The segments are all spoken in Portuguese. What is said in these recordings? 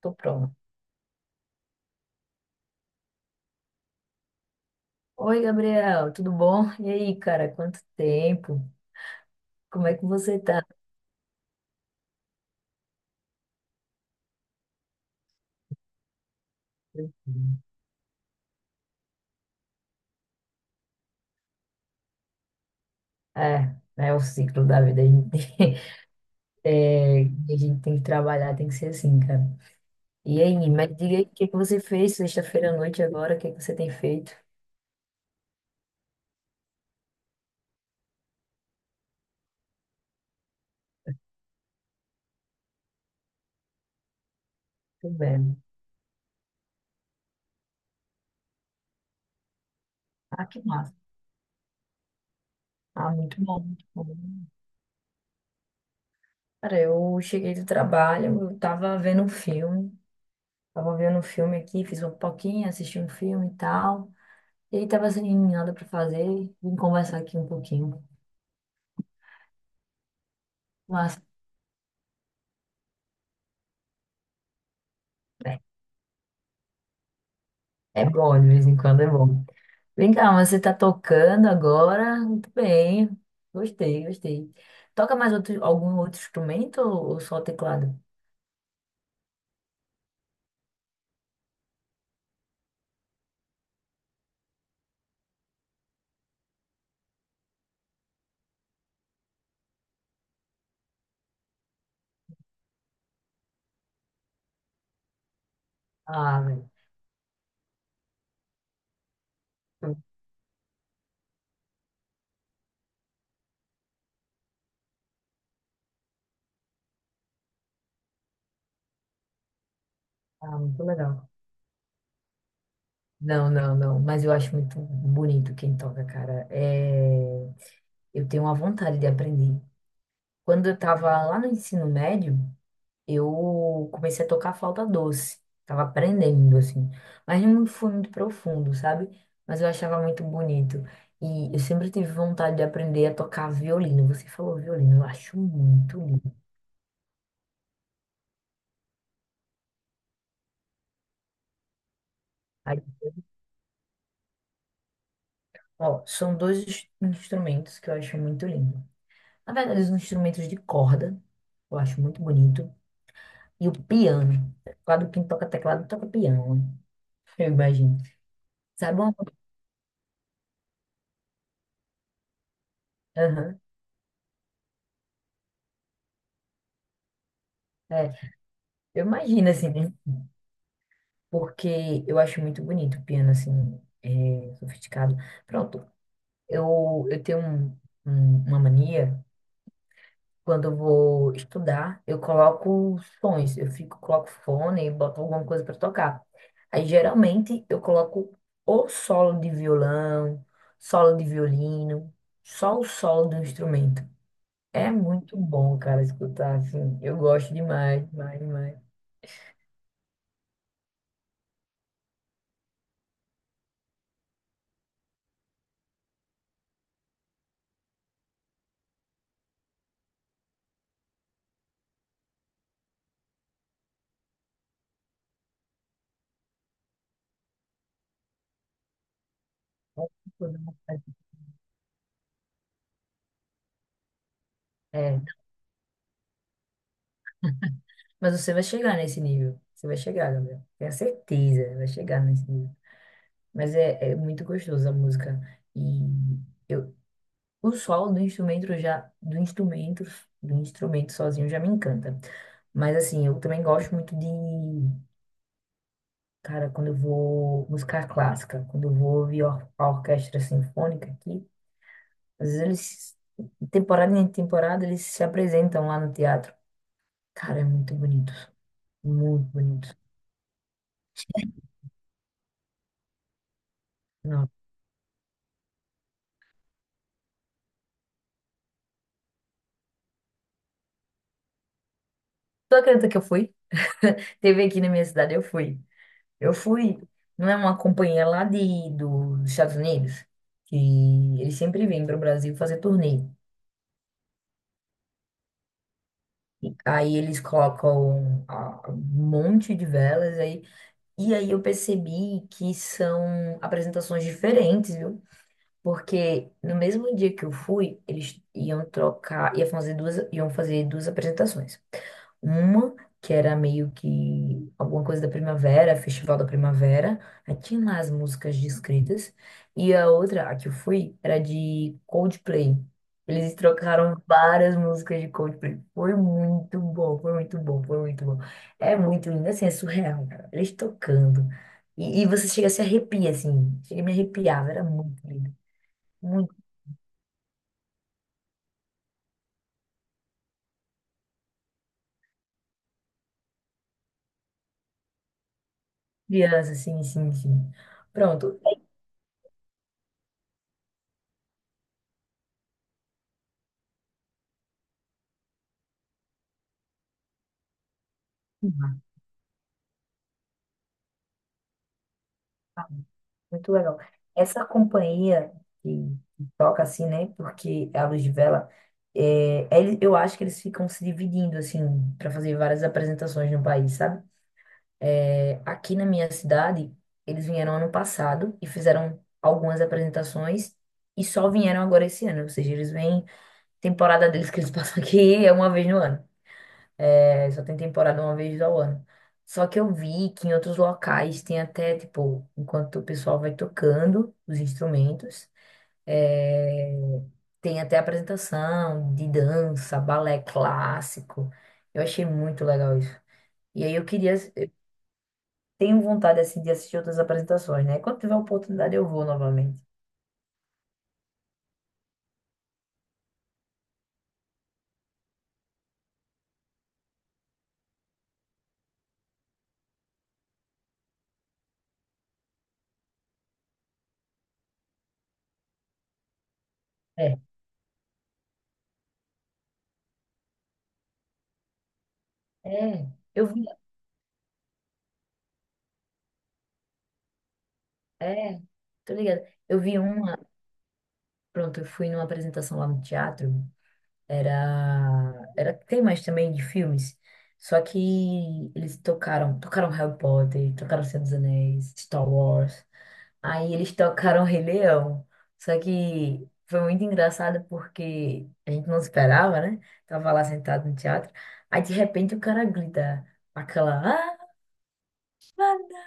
Tô pronto. Oi, Gabriel, tudo bom? E aí, cara, quanto tempo? Como é que você tá? É, é o ciclo da vida. A gente, a gente tem que trabalhar, tem que ser assim, cara. E aí, mas diga aí, o que que você fez sexta-feira à noite agora? O que que você tem feito? Tudo bem. Ah, que massa. Ah, muito bom, muito bom. Cara, eu cheguei do trabalho, eu tava vendo um filme. Tava vendo um filme aqui, fiz uma pipoquinha, assisti um filme e tal. E aí tava sem nada pra fazer, vim conversar aqui um pouquinho. Massa. É é bom, de vez em quando é bom. Vem cá, mas você tá tocando agora? Muito bem. Gostei, gostei. Toca mais outro, algum outro instrumento ou só teclado? Ah, velho. Ah, muito legal. Não, não, não. Mas eu acho muito bonito quem toca, cara. É... Eu tenho uma vontade de aprender. Quando eu tava lá no ensino médio, eu comecei a tocar flauta doce. Tava aprendendo, assim. Mas não foi muito profundo, sabe? Mas eu achava muito bonito. E eu sempre tive vontade de aprender a tocar violino. Você falou violino, eu acho muito lindo. Aí, ó, são dois instrumentos que eu acho muito lindo. Na verdade, os instrumentos de corda, eu acho muito bonito. E o piano. Teclado, quem toca teclado, toca piano, né? Eu imagino. Sabe uma... Aham, é, eu imagino, assim, né? Porque eu acho muito bonito o piano, assim, sofisticado. Pronto, eu tenho uma mania, quando eu vou estudar, eu coloco sons, eu fico, coloco fone e boto alguma coisa para tocar. Aí, geralmente, eu coloco ou solo de violão, solo de violino, só o solo do instrumento. É muito bom, cara, escutar, assim, eu gosto demais, demais, demais. É, mas você vai chegar nesse nível. Você vai chegar, Gabriel. Tenho certeza, vai chegar nesse nível. Mas é muito gostoso a música. E eu, o solo do instrumento já, do instrumento sozinho já me encanta. Mas assim, eu também gosto muito de, cara, quando eu vou música clássica, quando eu vou ouvir a orquestra sinfônica aqui, às vezes eles, temporada em temporada, eles se apresentam lá no teatro. Cara, é muito bonito. Muito bonito. Não. Tu acredita que eu fui? Teve aqui na minha cidade, eu fui. Eu fui, não é uma companhia lá dos Estados Unidos, que eles sempre vêm para o Brasil fazer turnê. E aí eles colocam um monte de velas aí. E aí eu percebi que são apresentações diferentes, viu? Porque no mesmo dia que eu fui, eles iam trocar, ia fazer duas, iam fazer duas apresentações. Uma que era meio que alguma coisa da primavera, Festival da Primavera, aí tinha lá as músicas descritas. E a outra, a que eu fui, era de Coldplay. Eles trocaram várias músicas de Coldplay. Foi muito bom, foi muito bom, foi muito bom. É muito lindo, assim, é surreal, cara. Eles tocando. E você chega a se arrepia, assim. Chega a me arrepiar, era muito lindo. Muito criança, sim, sim, sim. Pronto. Muito legal. Essa companhia que toca assim, né? Porque é a Luz de Vela, eu acho que eles ficam se dividindo, assim, para fazer várias apresentações no país, sabe? É, aqui na minha cidade, eles vieram ano passado e fizeram algumas apresentações e só vieram agora esse ano. Ou seja, eles vêm, temporada deles que eles passam aqui é uma vez no ano. É, só tem temporada uma vez ao ano. Só que eu vi que em outros locais tem até, tipo, enquanto o pessoal vai tocando os instrumentos, é, tem até apresentação de dança, balé clássico. Eu achei muito legal isso. Eu tenho vontade assim, de assistir outras apresentações, né? Quando tiver oportunidade eu vou novamente. É, é, eu vi, é, tô ligada. Eu vi uma, pronto, eu fui numa apresentação lá no teatro. Era, tem mais também de filmes. Só que eles tocaram Harry Potter, tocaram Senhor dos Anéis, Star Wars. Aí eles tocaram Rei Leão. Só que foi muito engraçado porque a gente não esperava, né? Tava lá sentado no teatro. Aí de repente o cara grita aquela. "Ah, Madame!"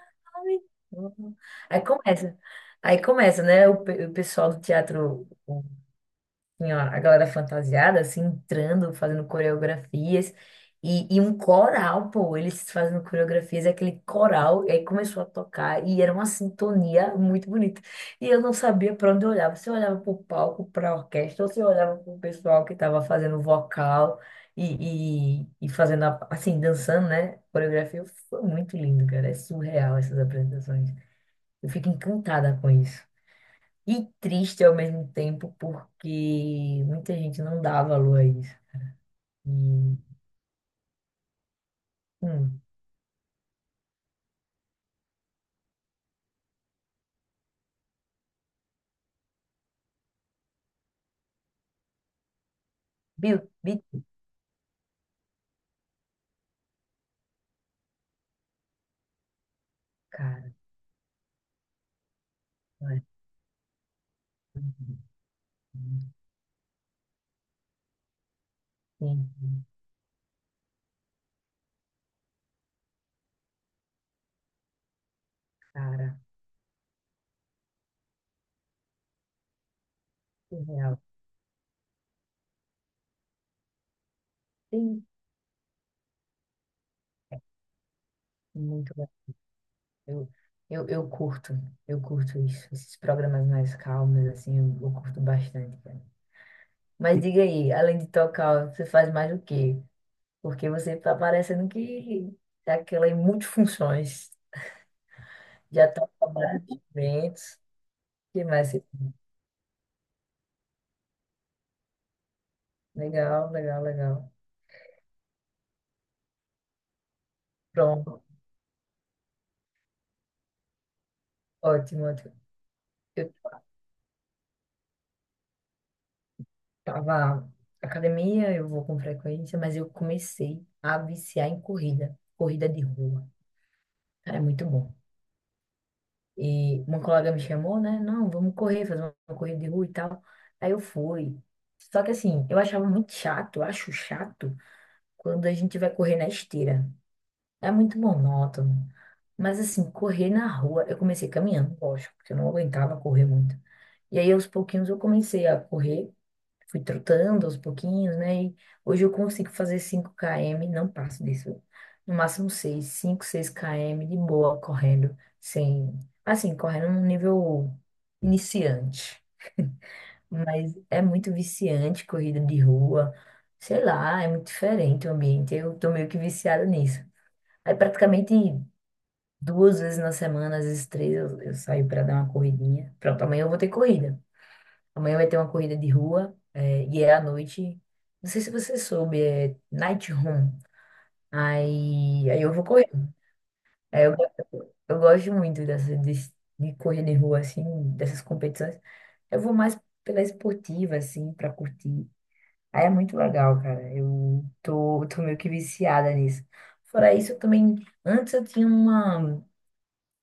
Aí começa. Aí começa, né? O pessoal do teatro senhora, a galera fantasiada, assim, entrando, fazendo coreografias. E um coral, pô, eles fazendo coreografias, e aquele coral, e aí começou a tocar, e era uma sintonia muito bonita. E eu não sabia para onde eu olhava, se eu olhava para o palco, para a orquestra, ou se eu olhava para o pessoal que estava fazendo vocal e fazendo, assim, dançando, né? Coreografia foi muito lindo, cara, é surreal essas apresentações. Eu fico encantada com isso. E triste ao mesmo tempo, porque muita gente não dá valor a isso. E, hum, Bill, Bill, cara, olha, tem, cara, surreal. Tem muito. Eu, eu, eu curto, eu curto isso. Esses programas mais calmos, assim, eu curto bastante, cara. Mas diga aí, além de tocar, você faz mais o quê? Porque você tá parecendo que é aquela em multifunções. Já toca vários eventos. O que mais? Legal, legal, legal. Pronto, ótimo. Ótimo. Eu tava na academia, eu vou com frequência, mas eu comecei a viciar em corrida, corrida de rua. É muito bom. E uma colega me chamou, né? Não, vamos correr, fazer uma corrida de rua e tal. Aí eu fui. Só que assim, eu achava muito chato, eu acho chato quando a gente vai correr na esteira. É muito monótono. Mas assim, correr na rua, eu comecei caminhando, lógico, porque eu não aguentava correr muito. E aí, aos pouquinhos, eu comecei a correr. Fui trotando aos pouquinhos, né? E hoje eu consigo fazer 5 km, não passo disso. No máximo 6, 5, 6 km de boa correndo, sem, assim, correndo num nível iniciante. Mas é muito viciante corrida de rua. Sei lá, é muito diferente o ambiente. Eu tô meio que viciada nisso. Aí praticamente duas vezes na semana, às vezes três, eu saio para dar uma corridinha. Pronto, amanhã eu vou ter corrida. Amanhã vai ter uma corrida de rua, e é à noite. Não sei se você soube, é Night Run. Aí eu vou correr. Aí eu gosto muito dessa, de correr de rua, assim, dessas competições. Eu vou mais pela esportiva, assim, pra curtir. Aí é muito legal, cara. Eu tô meio que viciada nisso. Fora isso, eu também. Antes eu tinha uma.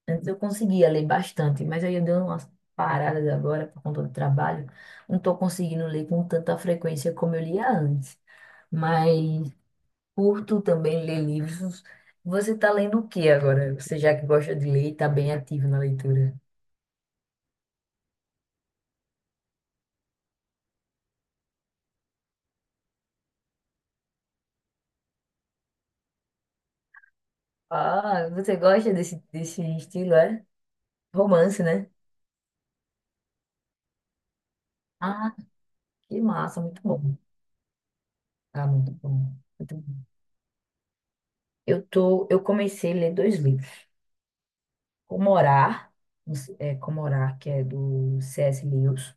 Antes eu conseguia ler bastante, mas aí eu dei umas paradas agora por conta do trabalho. Não estou conseguindo ler com tanta frequência como eu lia antes. Mas curto também ler livros. Você está lendo o que agora? Você já que gosta de ler e está bem ativo na leitura. Ah, você gosta desse estilo, é? Romance, né? Ah, que massa, muito bom. Ah, muito bom. Muito bom. Eu comecei a ler dois livros. Como Orar, não sei- é, Como Orar, que é do C.S. Lewis.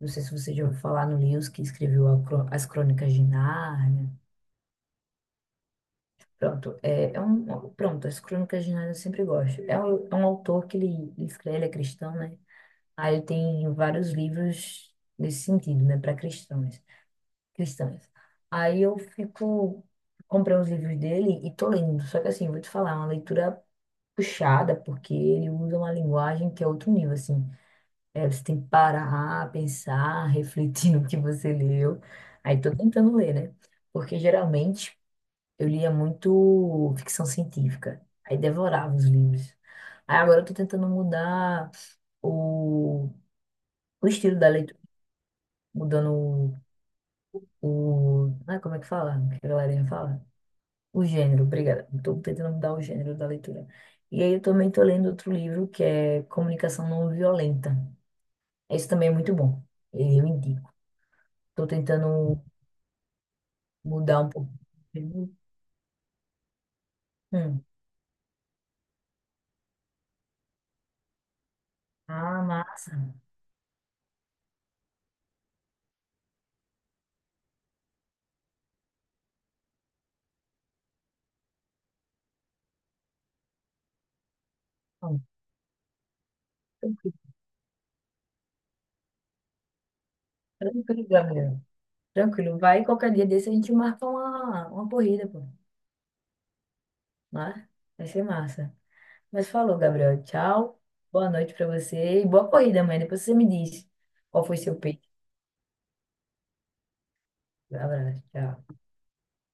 Não sei se você já ouviu falar no Lewis, que escreveu As Crônicas de Nárnia. Pronto, As Crônicas de Nárnia eu sempre gosto. É um autor que ele escreve, ele é cristão, né? Aí ele tem vários livros nesse sentido, né? Para cristãos, cristãs. Aí eu fico, comprei os livros dele e tô lendo. Só que assim, vou te falar, é uma leitura puxada, porque ele usa uma linguagem que é outro nível, assim. É, você tem que parar, pensar, refletir no que você leu. Aí tô tentando ler, né? Porque geralmente eu lia muito ficção científica. Aí devorava os livros. Aí agora eu tô tentando mudar o, o estilo da leitura, mudando Ah, como é que fala? O que a galerinha fala? O gênero, obrigada. Estou tentando mudar o gênero da leitura. E aí eu também estou lendo outro livro que é Comunicação Não Violenta. Esse também é muito bom. Eu indico. Estou tentando mudar um pouco. Hum. Ah, massa. Bom, tranquilo, tranquilo, Gabriel. Tranquilo. Vai qualquer dia desse a gente marca uma corrida, pô. Né? Vai ser massa. Mas falou, Gabriel. Tchau. Boa noite pra você e boa corrida amanhã. Depois você me diz qual foi seu peito. Abraço. Tchau.